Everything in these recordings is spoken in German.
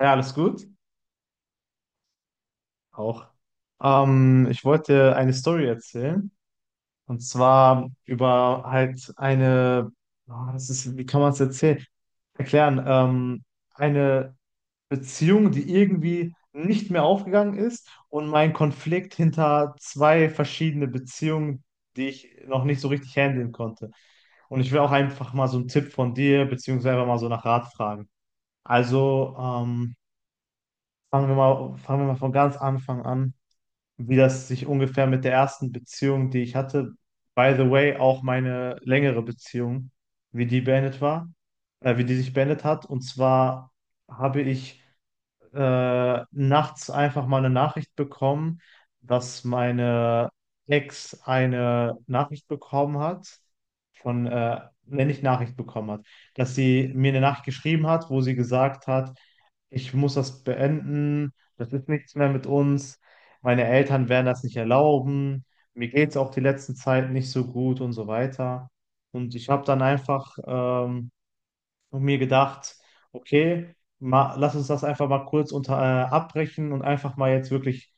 Ja, alles gut. Auch. Ich wollte eine Story erzählen. Und zwar über halt eine, das ist, wie kann man es erzählen? Erklären. Eine Beziehung, die irgendwie nicht mehr aufgegangen ist, und mein Konflikt hinter zwei verschiedene Beziehungen, die ich noch nicht so richtig handeln konnte. Und ich will auch einfach mal so einen Tipp von dir, beziehungsweise einfach mal so nach Rat fragen. Also, fangen wir mal von ganz Anfang an. Wie das sich ungefähr mit der ersten Beziehung, die ich hatte, by the way, auch meine längere Beziehung, wie die beendet war, wie die sich beendet hat. Und zwar habe ich nachts einfach mal eine Nachricht bekommen, dass meine Ex eine Nachricht bekommen hat, von, wenn ich Nachricht bekommen hat, dass sie mir eine Nachricht geschrieben hat, wo sie gesagt hat, ich muss das beenden, das ist nichts mehr mit uns, meine Eltern werden das nicht erlauben, mir geht es auch die letzten Zeit nicht so gut und so weiter. Und ich habe dann einfach und mir gedacht, okay, ma, lass uns das einfach mal kurz abbrechen und einfach mal jetzt wirklich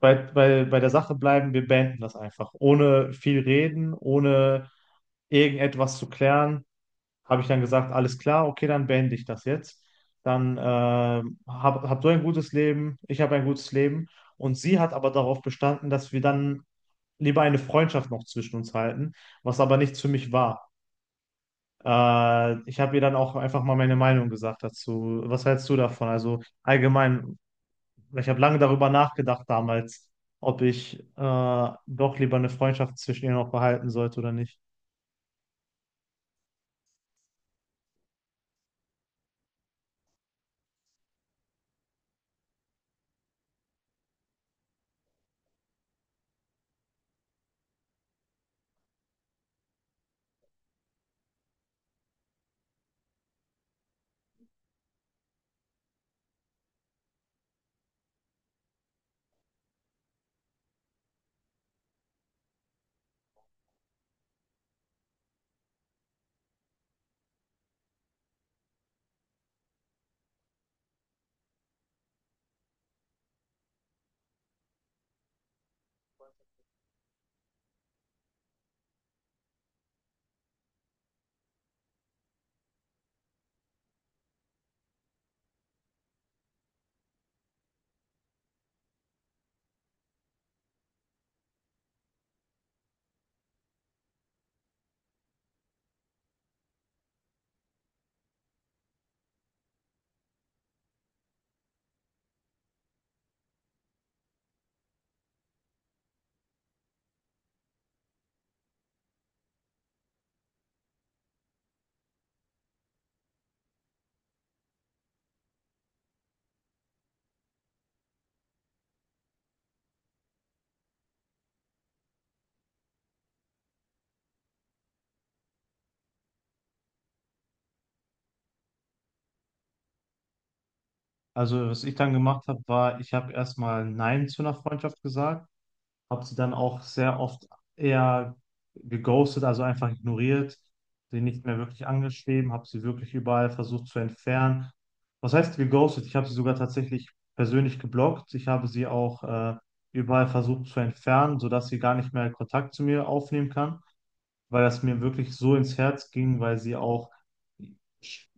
bei der Sache bleiben. Wir beenden das einfach. Ohne viel reden, ohne irgendetwas zu klären, habe ich dann gesagt, alles klar, okay, dann beende ich das jetzt. Dann hab du ein gutes Leben, ich habe ein gutes Leben. Und sie hat aber darauf bestanden, dass wir dann lieber eine Freundschaft noch zwischen uns halten, was aber nichts für mich war. Ich habe ihr dann auch einfach mal meine Meinung gesagt dazu. Was hältst du davon? Also allgemein, ich habe lange darüber nachgedacht damals, ob ich doch lieber eine Freundschaft zwischen ihr noch behalten sollte oder nicht. Also was ich dann gemacht habe, war, ich habe erstmal Nein zu einer Freundschaft gesagt. Habe sie dann auch sehr oft eher geghostet, also einfach ignoriert, sie nicht mehr wirklich angeschrieben, habe sie wirklich überall versucht zu entfernen. Was heißt geghostet? Ich habe sie sogar tatsächlich persönlich geblockt. Ich habe sie auch überall versucht zu entfernen, sodass sie gar nicht mehr Kontakt zu mir aufnehmen kann, weil das mir wirklich so ins Herz ging, weil sie auch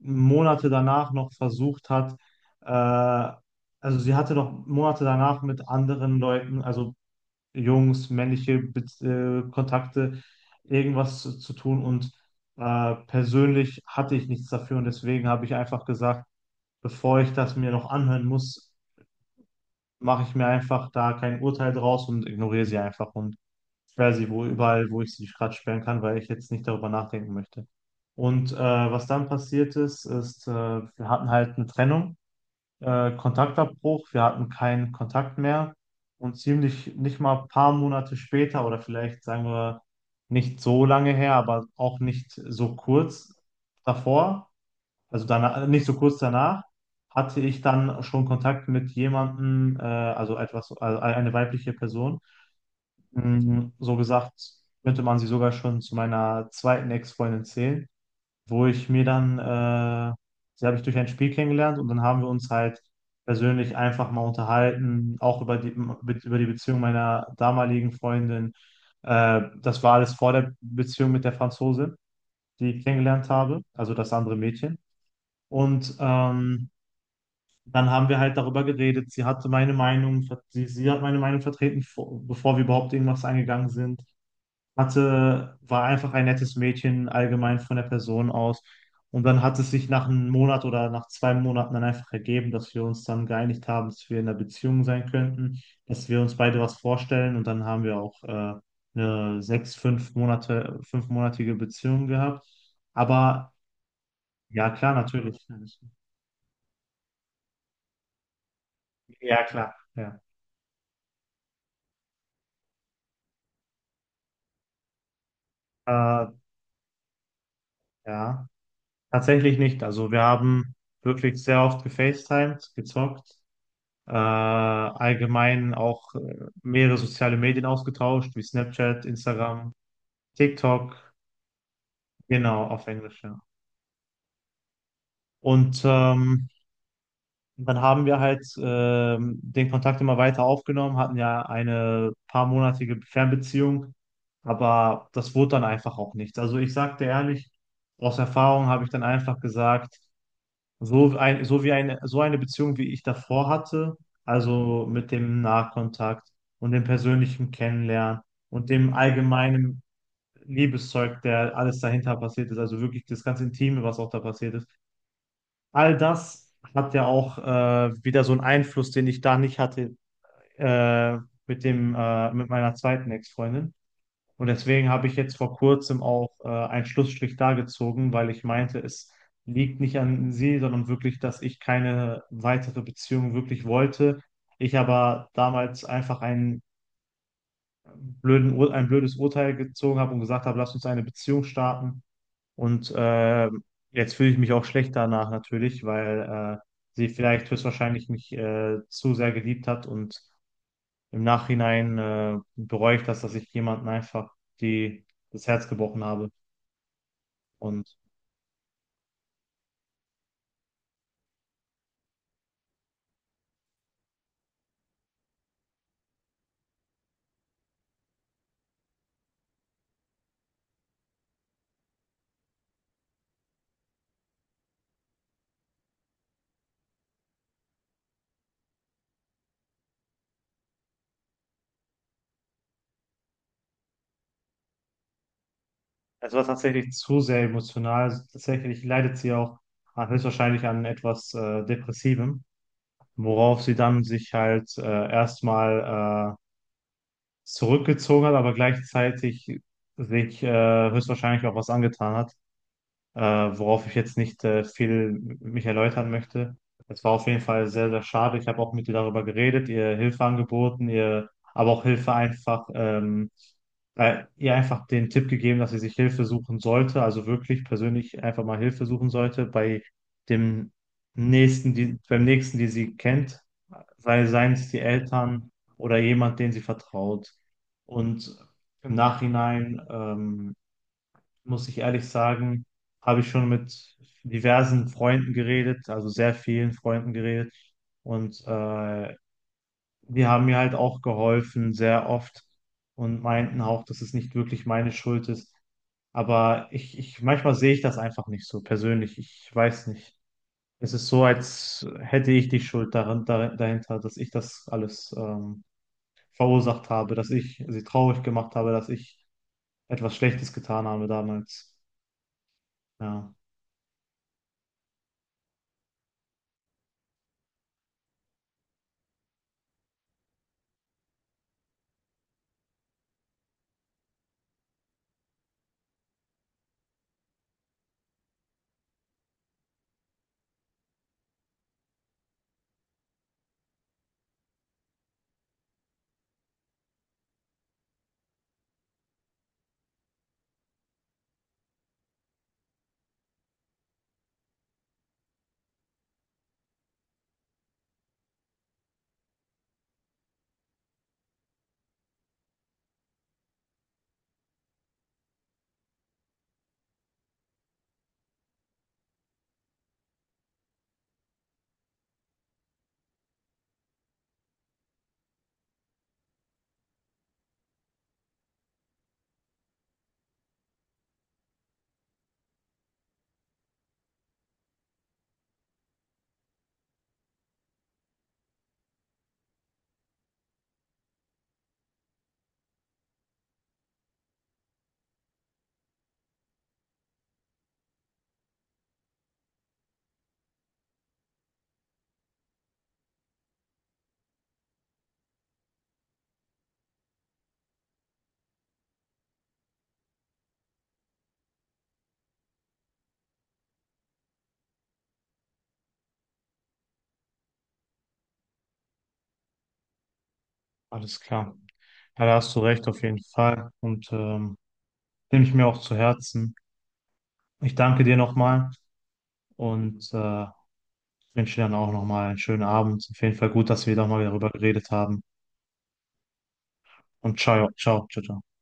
Monate danach noch versucht hat, äh, also sie hatte noch Monate danach mit anderen Leuten, also Jungs, männliche Kontakte, irgendwas zu tun. Und persönlich hatte ich nichts dafür, und deswegen habe ich einfach gesagt, bevor ich das mir noch anhören muss, mache ich mir einfach da kein Urteil draus und ignoriere sie einfach und sperre sie wo überall, wo ich sie gerade sperren kann, weil ich jetzt nicht darüber nachdenken möchte. Und was dann passiert ist, ist, wir hatten halt eine Trennung, Kontaktabbruch. Wir hatten keinen Kontakt mehr und ziemlich nicht mal ein paar Monate später oder vielleicht sagen wir, nicht so lange her, aber auch nicht so kurz davor, also danach, nicht so kurz danach, hatte ich dann schon Kontakt mit jemandem, also etwas, also eine weibliche Person. So gesagt, könnte man sie sogar schon zu meiner zweiten Ex-Freundin zählen, wo ich mir dann, sie habe ich durch ein Spiel kennengelernt, und dann haben wir uns halt persönlich einfach mal unterhalten, auch über die Beziehung meiner damaligen Freundin. Das war alles vor der Beziehung mit der Franzose, die ich kennengelernt habe, also das andere Mädchen. Und dann haben wir halt darüber geredet. Sie hatte meine Meinung, sie hat meine Meinung vertreten, bevor wir überhaupt irgendwas eingegangen sind, hatte, war einfach ein nettes Mädchen allgemein von der Person aus. Und dann hat es sich nach einem Monat oder nach 2 Monaten dann einfach ergeben, dass wir uns dann geeinigt haben, dass wir in einer Beziehung sein könnten, dass wir uns beide was vorstellen. Und dann haben wir auch eine sechs, 5 Monate, fünfmonatige Beziehung gehabt. Aber ja, klar, natürlich. Ja, klar. Ja. Äh, ja, tatsächlich nicht. Also wir haben wirklich sehr oft gefacetimed, gezockt. Allgemein auch mehrere soziale Medien ausgetauscht, wie Snapchat, Instagram, TikTok, genau, auf Englisch, ja. Und dann haben wir halt den Kontakt immer weiter aufgenommen, hatten ja eine paarmonatige Fernbeziehung, aber das wurde dann einfach auch nichts. Also ich sagte ehrlich, aus Erfahrung habe ich dann einfach gesagt, so ein, so wie eine, so eine Beziehung, wie ich davor hatte, also mit dem Nahkontakt und dem persönlichen Kennenlernen und dem allgemeinen Liebeszeug, der alles dahinter passiert ist, also wirklich das ganze Intime, was auch da passiert ist. All das hat ja auch wieder so einen Einfluss, den ich da nicht hatte, äh, mit dem, mit meiner zweiten Ex-Freundin. Und deswegen habe ich jetzt vor kurzem auch einen Schlussstrich da gezogen, weil ich meinte, es liegt nicht an sie, sondern wirklich, dass ich keine weitere Beziehung wirklich wollte. Ich aber damals einfach ein blödes Urteil gezogen habe und gesagt habe, lass uns eine Beziehung starten. Und jetzt fühle ich mich auch schlecht danach natürlich, weil sie vielleicht höchstwahrscheinlich mich zu sehr geliebt hat, und im Nachhinein bereue ich das, dass ich jemanden einfach das Herz gebrochen habe. Und es war tatsächlich zu sehr emotional. Also tatsächlich leidet sie auch höchstwahrscheinlich an etwas Depressivem, worauf sie dann sich halt erstmal zurückgezogen hat, aber gleichzeitig sich höchstwahrscheinlich auch was angetan hat. äh, Worauf ich jetzt nicht viel mich erläutern möchte. Es war auf jeden Fall sehr, sehr schade. Ich habe auch mit ihr darüber geredet, ihr Hilfe angeboten, ihr, aber auch Hilfe einfach, ihr einfach den Tipp gegeben, dass sie sich Hilfe suchen sollte, also wirklich persönlich einfach mal Hilfe suchen sollte bei dem beim nächsten, die sie kennt, seien es die Eltern oder jemand, den sie vertraut. Und im Nachhinein, muss ich ehrlich sagen, habe ich schon mit diversen Freunden geredet, also sehr vielen Freunden geredet. Und die haben mir halt auch geholfen, sehr oft, und meinten auch, dass es nicht wirklich meine Schuld ist. Aber manchmal sehe ich das einfach nicht so persönlich. Ich weiß nicht. Es ist so, als hätte ich die Schuld daran, dahinter, dass ich das alles verursacht habe, dass ich sie traurig gemacht habe, dass ich etwas Schlechtes getan habe damals. Ja. Alles klar. Ja, da hast du recht, auf jeden Fall. Und nehme ich mir auch zu Herzen. Ich danke dir nochmal und wünsche dir dann auch nochmal einen schönen Abend. Auf jeden Fall gut, dass wir nochmal darüber geredet haben. Und ciao, ciao, ciao, ciao.